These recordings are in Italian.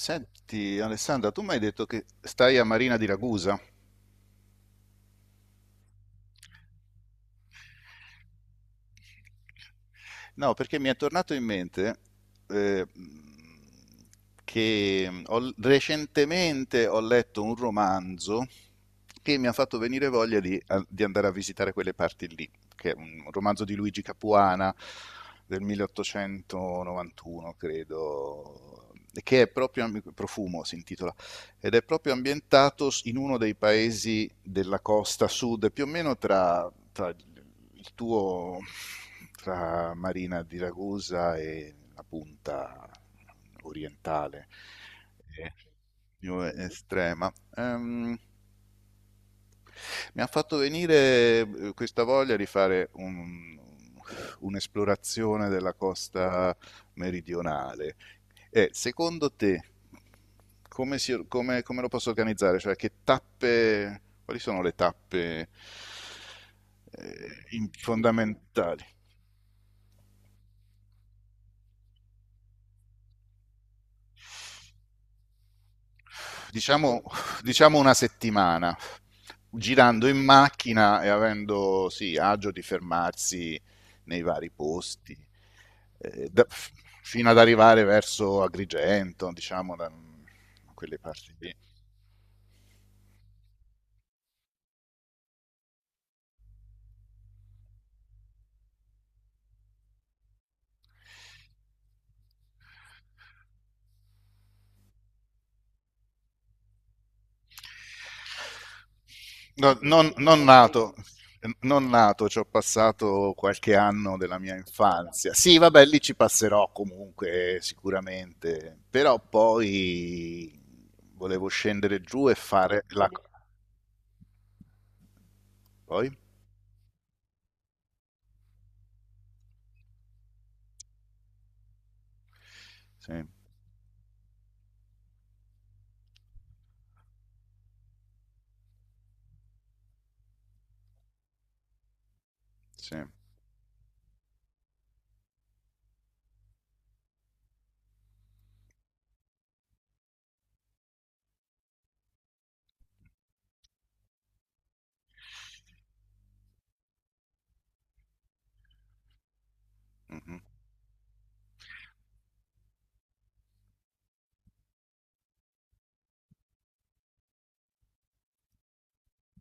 Senti, Alessandra, tu mi hai detto che stai a Marina di Ragusa? No, perché mi è tornato in mente eh, che recentemente ho letto un romanzo che mi ha fatto venire voglia di andare a visitare quelle parti lì, che è un romanzo di Luigi Capuana del 1891, credo, che è proprio Profumo si intitola, ed è proprio ambientato in uno dei paesi della costa sud, più o meno tra tra il tuo tra Marina di Ragusa e la punta orientale eh, più estrema. Mi ha fatto venire questa voglia di fare un'esplorazione della costa meridionale. Secondo te, come, come lo posso organizzare? Cioè, che tappe, quali sono le tappe eh, fondamentali? Diciamo, diciamo una settimana, girando in macchina e avendo sì, agio di fermarsi nei vari posti, eh, da- fino ad arrivare verso Agrigento, diciamo, da quelle parti lì. No, non nato, non nato, ci ho passato qualche anno della mia infanzia. Sì, vabbè, lì ci passerò comunque, sicuramente, però poi volevo scendere giù e fare la... Poi? Sì, sì. Mhm.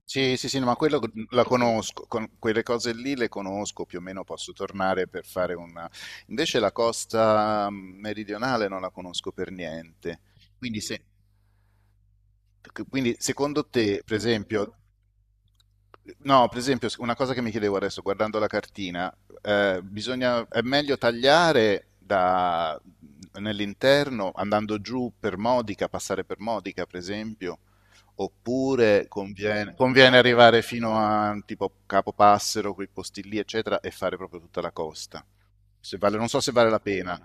Sì, sì, sì, no, ma quello la conosco, con quelle cose lì le conosco, più o meno posso tornare per fare una... Invece la costa meridionale non la conosco per niente, quindi se... Quindi, secondo te, per esempio, no, per esempio, una cosa che mi chiedevo adesso, guardando la cartina, è meglio tagliare da, nell'interno, andando giù per Modica, passare per Modica, per esempio, oppure conviene arrivare fino a tipo Capopassero, quei posti lì, eccetera, e fare proprio tutta la costa. Se non so se vale la pena.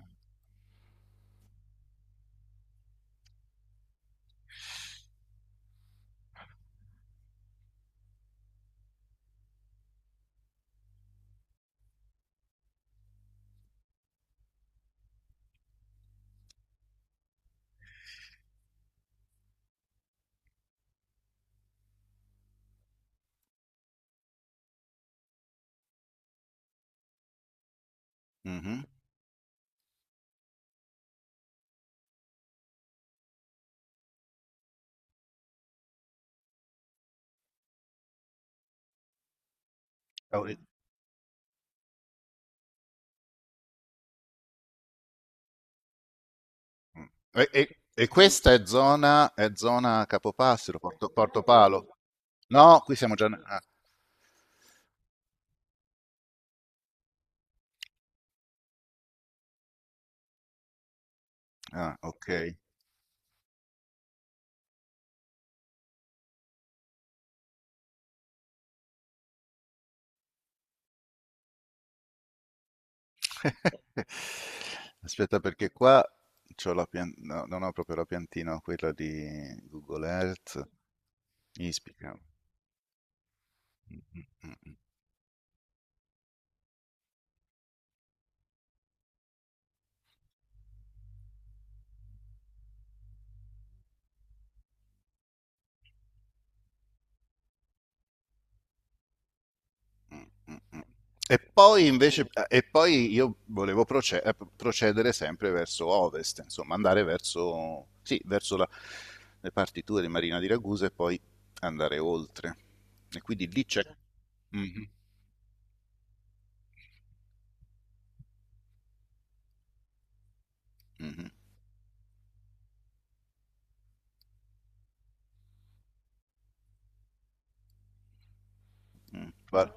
Mhm. Mh. E questa è zona Capopassero, Portopalo? No, qui siamo già n ah, ah, okay. Aspetta perché qua c'ho la pian no, non ho proprio la piantina, ho quella di Google Earth. Ispica. Mh-mh-mh. E poi invece, e poi io volevo procedere sempre verso ovest, insomma, andare verso, sì, le partiture di Marina di Ragusa e poi andare oltre. E quindi lì c'è... Mhm, mhm, mm,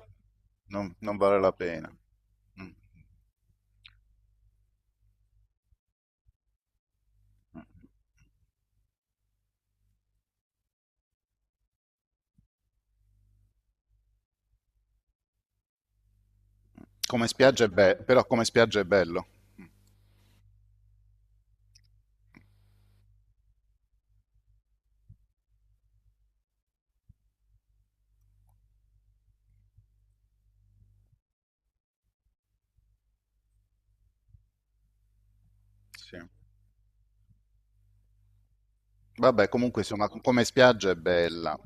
non, non vale la pena. Mm, mm. Come spiaggia è bello, però come spiaggia è bello. Mm, sì. Vabbè, comunque insomma, come spiaggia è bella.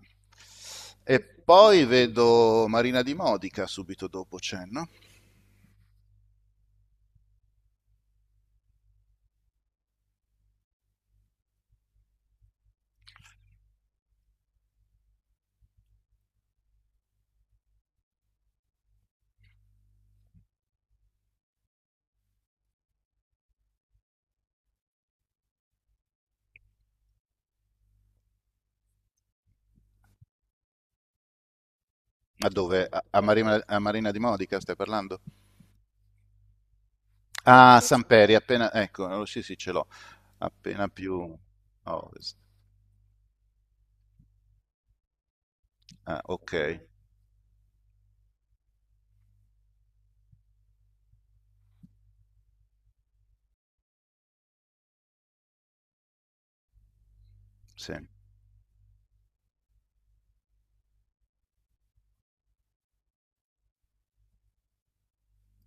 E poi vedo Marina di Modica subito dopo c'è, no? A dove? A Marina di Modica stai parlando? Ah, sì, sì. Samperi, appena... Ecco, oh, sì, sì, ce l'ho. Appena più a ovest. Ah, ok, sì,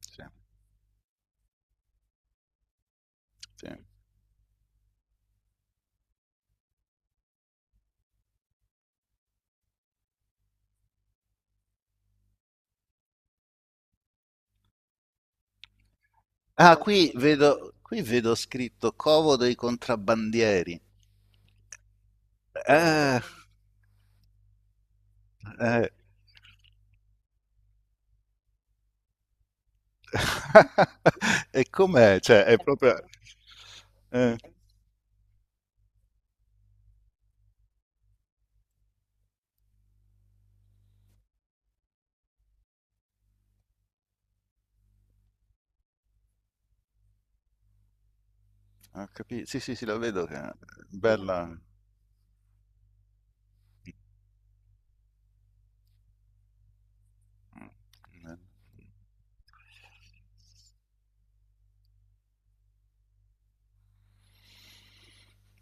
sì, sì. Ah, qui vedo scritto Covo dei contrabbandieri. Eh, eh. E com'è? Cioè, è proprio... eh, sì, sì, sì, la vedo che è bella.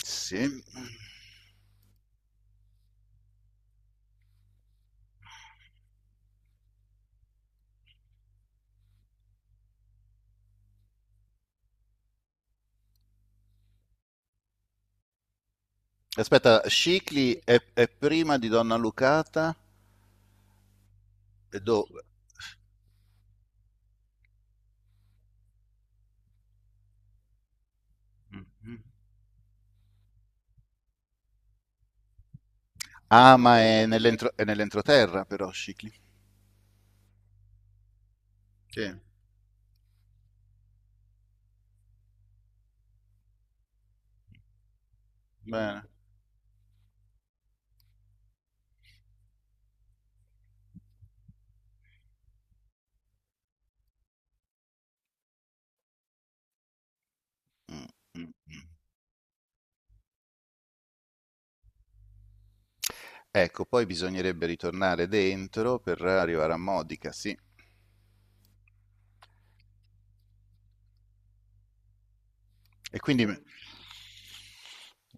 Sì. Aspetta, è prima di Donna Lucata e dove? Mhm. Ah, ma è è nell'entroterra però, Scicli. Sì, bene. Mm, mm. Ecco, poi bisognerebbe ritornare dentro per arrivare a Modica, sì. E quindi...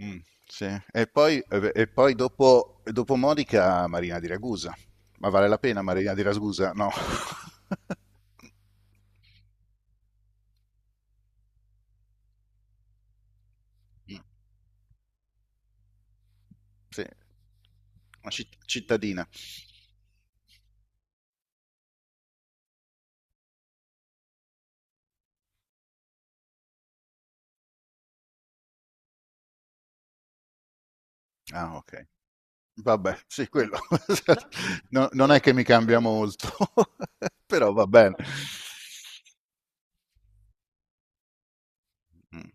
mm, sì. E poi dopo, dopo Modica, Marina di Ragusa. Ma vale la pena Marina di Ragusa? No. Mm, sì, una cittadina. Ah, okay. Vabbè, sì quello no non è che mi cambia molto, però va bene. Mh.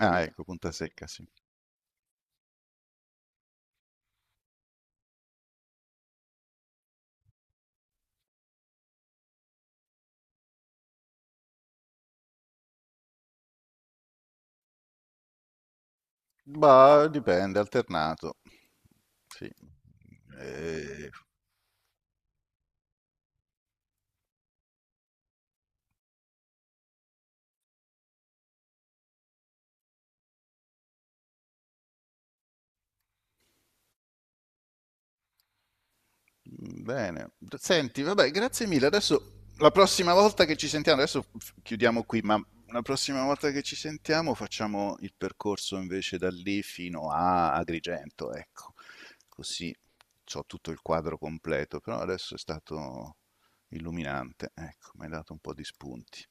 Ah ecco, punta secca sì. Bah, dipende, alternato, sì, ehm. Bene, senti, vabbè, grazie mille. Adesso la prossima volta che ci sentiamo, adesso chiudiamo qui, ma la prossima volta che ci sentiamo facciamo il percorso invece da lì fino a Agrigento, ecco. Così ho tutto il quadro completo, però adesso è stato illuminante, ecco, mi hai dato un po' di spunti.